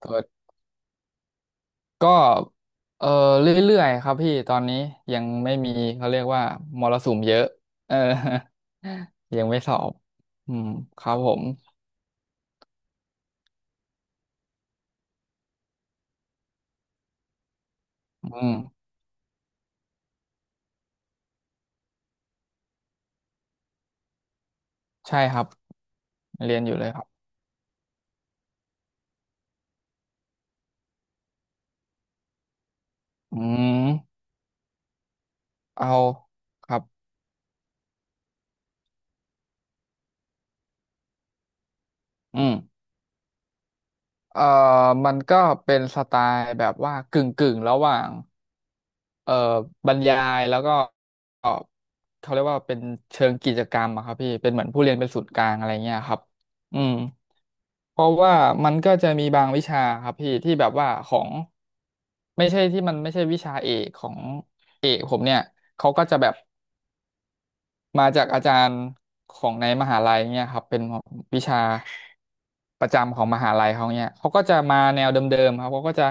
เปิดก็เออเรื่อยๆครับพี่ตอนนี้ยังไม่มีเขาเรียกว่ามรสุมเยอะเออ ยังไม่สอบอืมครับผมอืมใช่ครับเรียนอยู่เลยครับอืมเอาครับอืมเอ่อมันก็เป็นสไตล์แบบว่ากึ่งกึ่งระหว่าง เอ่อบรรยายแล้วก็เอ่อเขาเรียกว่าเป็นเชิงกิจกรรมอะครับพี่เป็นเหมือนผู้เรียนเป็นศูนย์กลางอะไรเงี้ยครับอืมเพราะว่ามันก็จะมีบางวิชาครับพี่ที่แบบว่าของไม่ใช่ที่มันไม่ใช่วิชาเอกของเอกผมเนี่ยเขาก็จะแบบ มาจากอาจารย์ของในมหาลัยเนี่ยครับเป็นวิชาประจำของมหาลัยเขาเนี่ยเขาก็จะมาแนวเดิมๆครับเขาก็จะ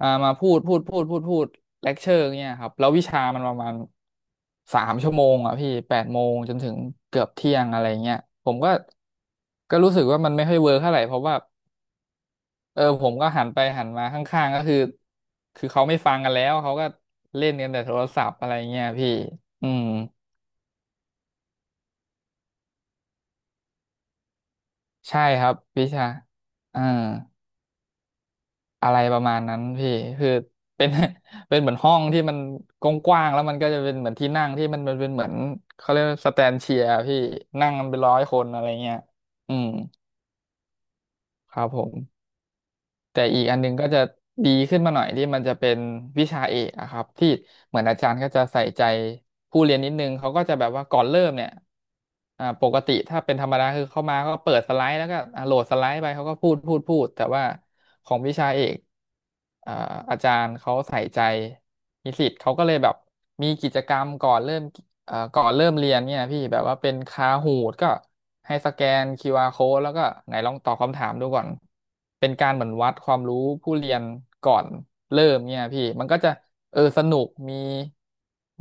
มาพูดพูดพูดพูดพูดเลคเชอร์เนี่ยครับแล้ววิชามันประมาณสามชั่วโมงอ่ะพี่แปดโมงจนถึงเกือบเที่ยงอะไรเงี้ยผมก็รู้สึกว่ามันไม่ค่อยเวิร์คเท่าไหร่เพราะว่าผมก็หันไปหันมาข้างๆก็คือเขาไม่ฟังกันแล้วเขาก็เล่นกันแต่โทรศัพท์อะไรเงี้ยพี่อืม ใช่ครับวิชาอ่าอะไรประมาณนั้นพี่คือเป็น เป็นเหมือนห้องที่มันกว้างๆแล้วมันก็จะเป็นเหมือนที่นั่งที่มันเป็นเหมือนเขาเรียกว่าสแตนเชียร์พี่นั่งกันเป็นร้อยคนอะไรเงี้ยอืมครับผม แต่อีกอันหนึงก็จะดีขึ้นมาหน่อยที่มันจะเป็นวิชาเอกอะครับที่เหมือนอาจารย์ก็จะใส่ใจผู้เรียนนิดนึงเขาก็จะแบบว่าก่อนเริ่มเนี่ยปกติถ้าเป็นธรรมดาคือเข้ามาก็เปิดสไลด์แล้วก็โหลดสไลด์ไปเขาก็พูดพูดพูดแต่ว่าของวิชาเอกอ่าอาจารย์เขาใส่ใจนิสิตเขาก็เลยแบบมีกิจกรรมก่อนเริ่ม ก่อนเริ่มเรียนเนี่ยพี่แบบว่าเป็นคาหูดก็ให้สแกนคิวอาร์ code แล้วก็ไหนลองตอบคำถามดูก่อนเป็นการเหมือนวัดความรู้ผู้เรียนก่อนเริ่มเนี่ยพี่มันก็จะเออสนุกมี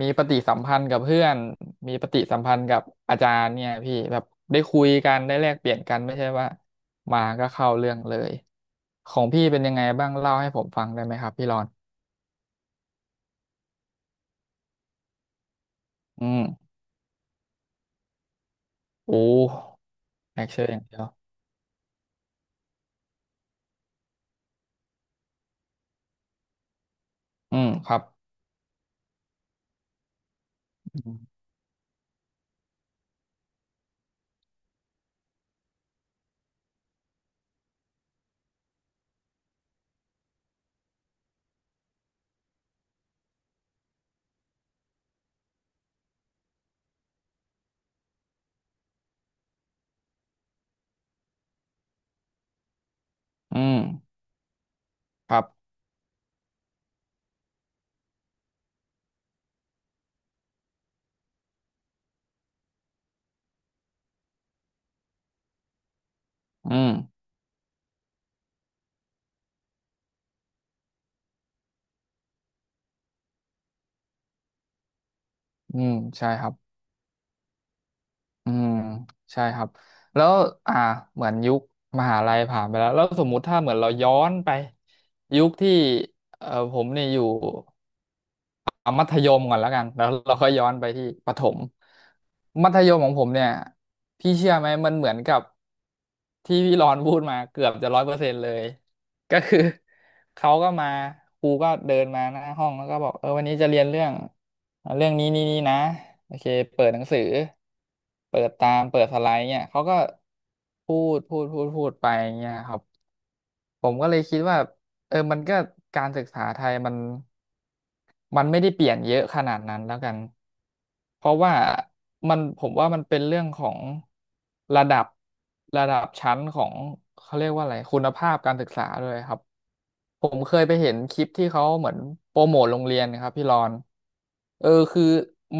มีปฏิสัมพันธ์กับเพื่อนมีปฏิสัมพันธ์กับอาจารย์เนี่ยพี่แบบได้คุยกันได้แลกเปลี่ยนกันไม่ใช่ว่ามาก็เข้าเรื่องเลยของพี่เป็นยังไงบ้างเล่าให้ผมฟังได้ไหมครับพี่รอนอืมโอ้แลกเชอร์อย่างเดียวอืมครับ อืมครับอืมอืมใช่ครับอืมใช่ครับแล้วอ่าเหมือนยุคมหาลัยผ่านไปแล้วแล้วสมมุติถ้าเหมือนเราย้อนไปยุคที่เออผมเนี่ยอยู่ เอามัธยมก่อนแล้วกันแล้วเราค่อยย้อนไปที่ประถมมัธยมของผมเนี่ยพี่เชื่อไหมมันเหมือนกับที่พี่รอนพูดมาเกือบจะร้อยเปอร์เซ็นต์เลยก็คือเขาก็มาครูก็เดินมาหน้าห้องแล้วก็บอกเออวันนี้จะเรียนเรื่องเรื่องนี้นี่นี่นะโอเคเปิดหนังสือเปิดตามเปิดสไลด์เนี่ยเขาก็พูดพูดพูดพูดไปเนี่ยครับผมก็เลยคิดว่าเออมันก็การศึกษาไทยมัน มันไม่ได้เปลี่ยนเยอะขนาดนั้นแล้วกันเพราะว่ามันผมว่ามันเป็นเรื่องของระดับระดับชั้นของเขาเรียกว่าอะไรคุณภาพการศึกษาด้วยครับผมเคยไปเห็นคลิปที่เขาเหมือนโปรโมทโรงเรียนนะครับพี่รอนเออคือ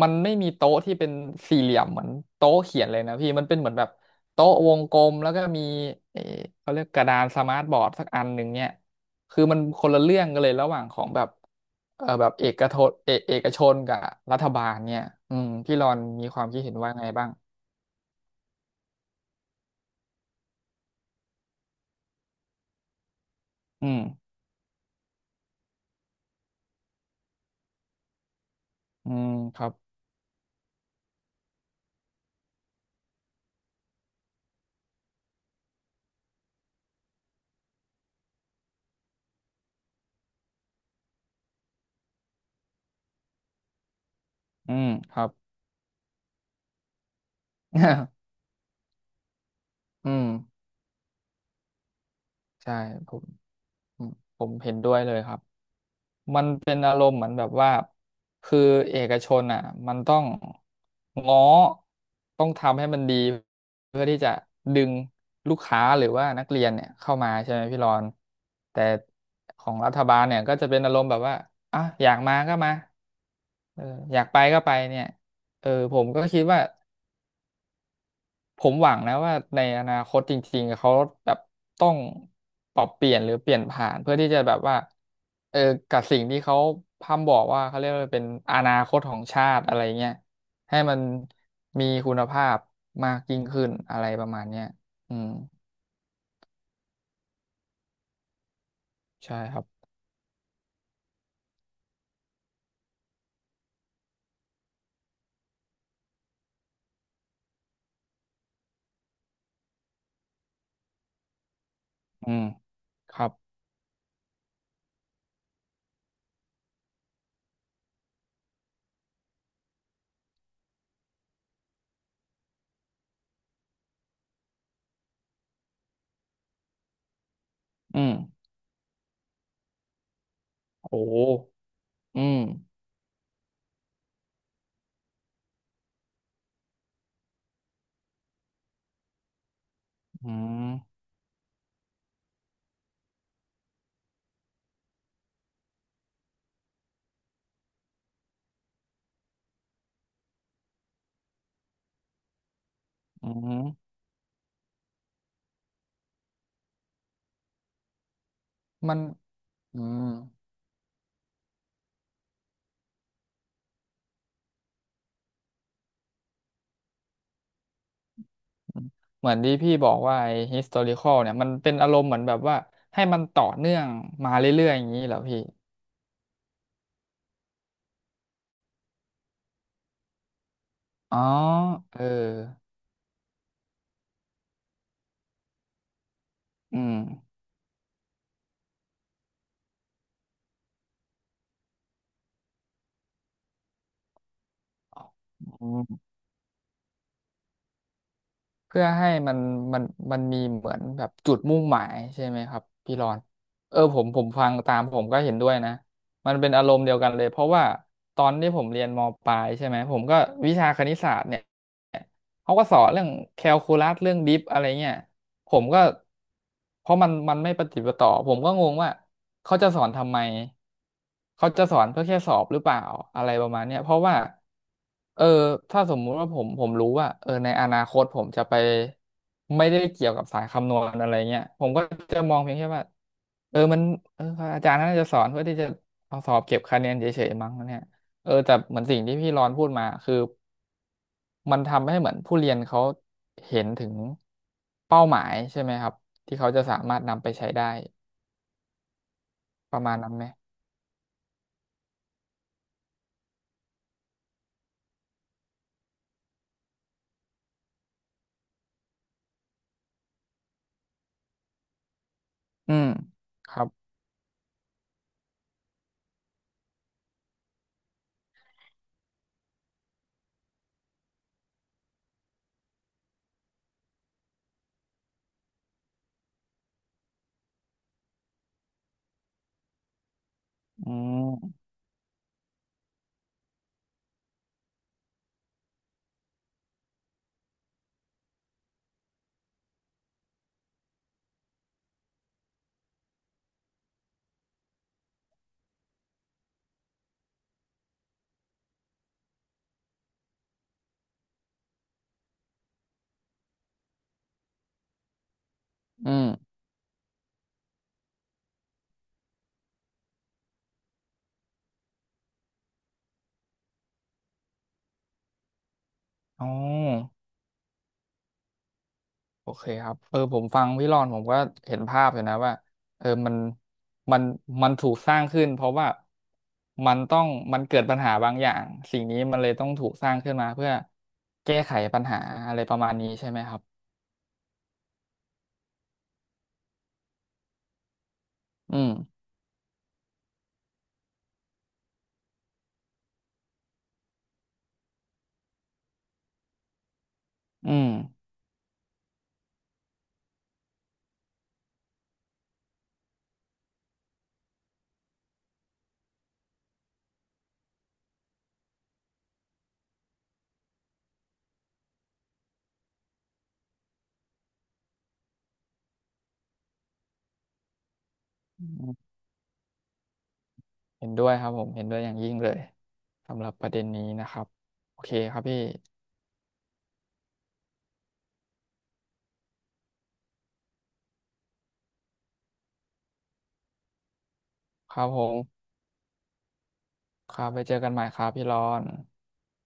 มันไม่มีโต๊ะที่เป็นสี่เหลี่ยมเหมือนโต๊ะเขียนเลยนะพี่มันเป็นเหมือนแบบโต๊ะวงกลมแล้วก็มีเออเขาเรียกกระดานสมาร์ทบอร์ดสักอันหนึ่งเนี่ย คือมันคนละเรื่องกันเลยระหว่างของแบบ แบบเอกชนกับรัฐบาลเนี่ยอืมพี่รอนมีความคิดเห็นว่าไงบ้างอืมอืมครับอืมครับ อืมใช่ผมผมผมเห็นด้วยเลยครับ มันเป็นอารมณ์เหมือนแบบว่าคือเอกชนอ่ะมันต้องง้อต้องทำให้มันดีเพื่อที่จะดึงลูกค้าหรือว่านักเรียนเนี่ยเข้ามาใช่ไหมพี่รอนแต่ของรัฐบาลเนี่ยก็จะเป็นอารมณ์แบบว่าอ่ะอยากมาก็มาเอออยากไปก็ไปเนี่ยผมก็คิดว่า ผมหวังนะว่าในอนาคตจริงๆเขาแบบต้องปรับเปลี่ยนหรือเปลี่ยนผ่านเพื่อที่จะแบบว่าเออกับสิ่งที่เขาพร่ำบอกว่าเขาเรียกว่าเป็นอนาคตของชาติอะไรเงี้ยให้มันมีคุณภาพมากยิ่งขึ้นอะไรประมาณเนี้ยอืมใช่ครับอืมครับอืมโอ้อืมอืมอืมมันอืม เหมือนที่พี่บอกว่าไอ้ historical เนี่ยมันเป็นอารมณ์เหมือนแบบว่าให้มันต่อเนื่องมาเรื่อยๆอย่างนี้เหรอพี่อ๋อเอออืมอืมเพื่อให้มันมันมันมีเหมือนแบบจุดมุ่งหมายใช่ไหมครับพี่รอนเออผมฟังตามผมก็เห็นด้วยนะมันเป็นอารมณ์เดียวกันเลยเพราะว่าตอนที่ผมเรียนมปลายใช่ไหมผมก็วิชาคณิตศาสตร์เนี่ยเขาก็สอนเรื่องแคลคูลัสเรื่องดิฟอะไรเงี้ย ผมก็เพราะมันไม่ปฏิดปะต่อผมก็งงว่าเขาจะสอนทำไมเขาจะสอนเพื่อแค่สอบหรือเปล่าอะไรประมาณเนี้ยเพราะว่าเออถ้าสมมุติว่าผมรู้ว่าเออในอนาคตผมจะไปไม่ได้เกี่ยวกับสายคำนวณอะไรเงี้ยผมก็จะมองเพียงแค่ว่าเออมันเอออาจารย์น่าจะสอนเพื่อที่จะเอาสอบเก็บคะแนนเฉยๆมั้งเนี่ยเออแต่เหมือนสิ่งที่พี่รอนพูดมาคือ มันทำให้เหมือนผู้เรียนเขาเห็นถึงเป้าหมายใช่ไหมครับที่เขาจะสามารถนำไปใช้ได้ประมาณนั้นไหมอืมครับอืมอืมอ๋อโอเคครับเออผมฟังพี่รอนผมก็เห็นภาพอยู่นะว่าเออมันมันมันถูกสร้างขึ้นเพราะว่ามันต้องมันเกิดปัญหาบางอย่างสิ่งนี้มันเลยต้องถูกสร้างขึ้นมาเพื่อแก้ไขปัญหาอะไรประมาณนี้ใช่ไหมครับอืมอืม เห็นด้วยครับผมเห็นด้วยอย่างยิ่งเลยสำหรับประเด็นนี้นะครับโอเคครับพี่ครับผมครับไปเจอกันใหม่ครับพี่รอน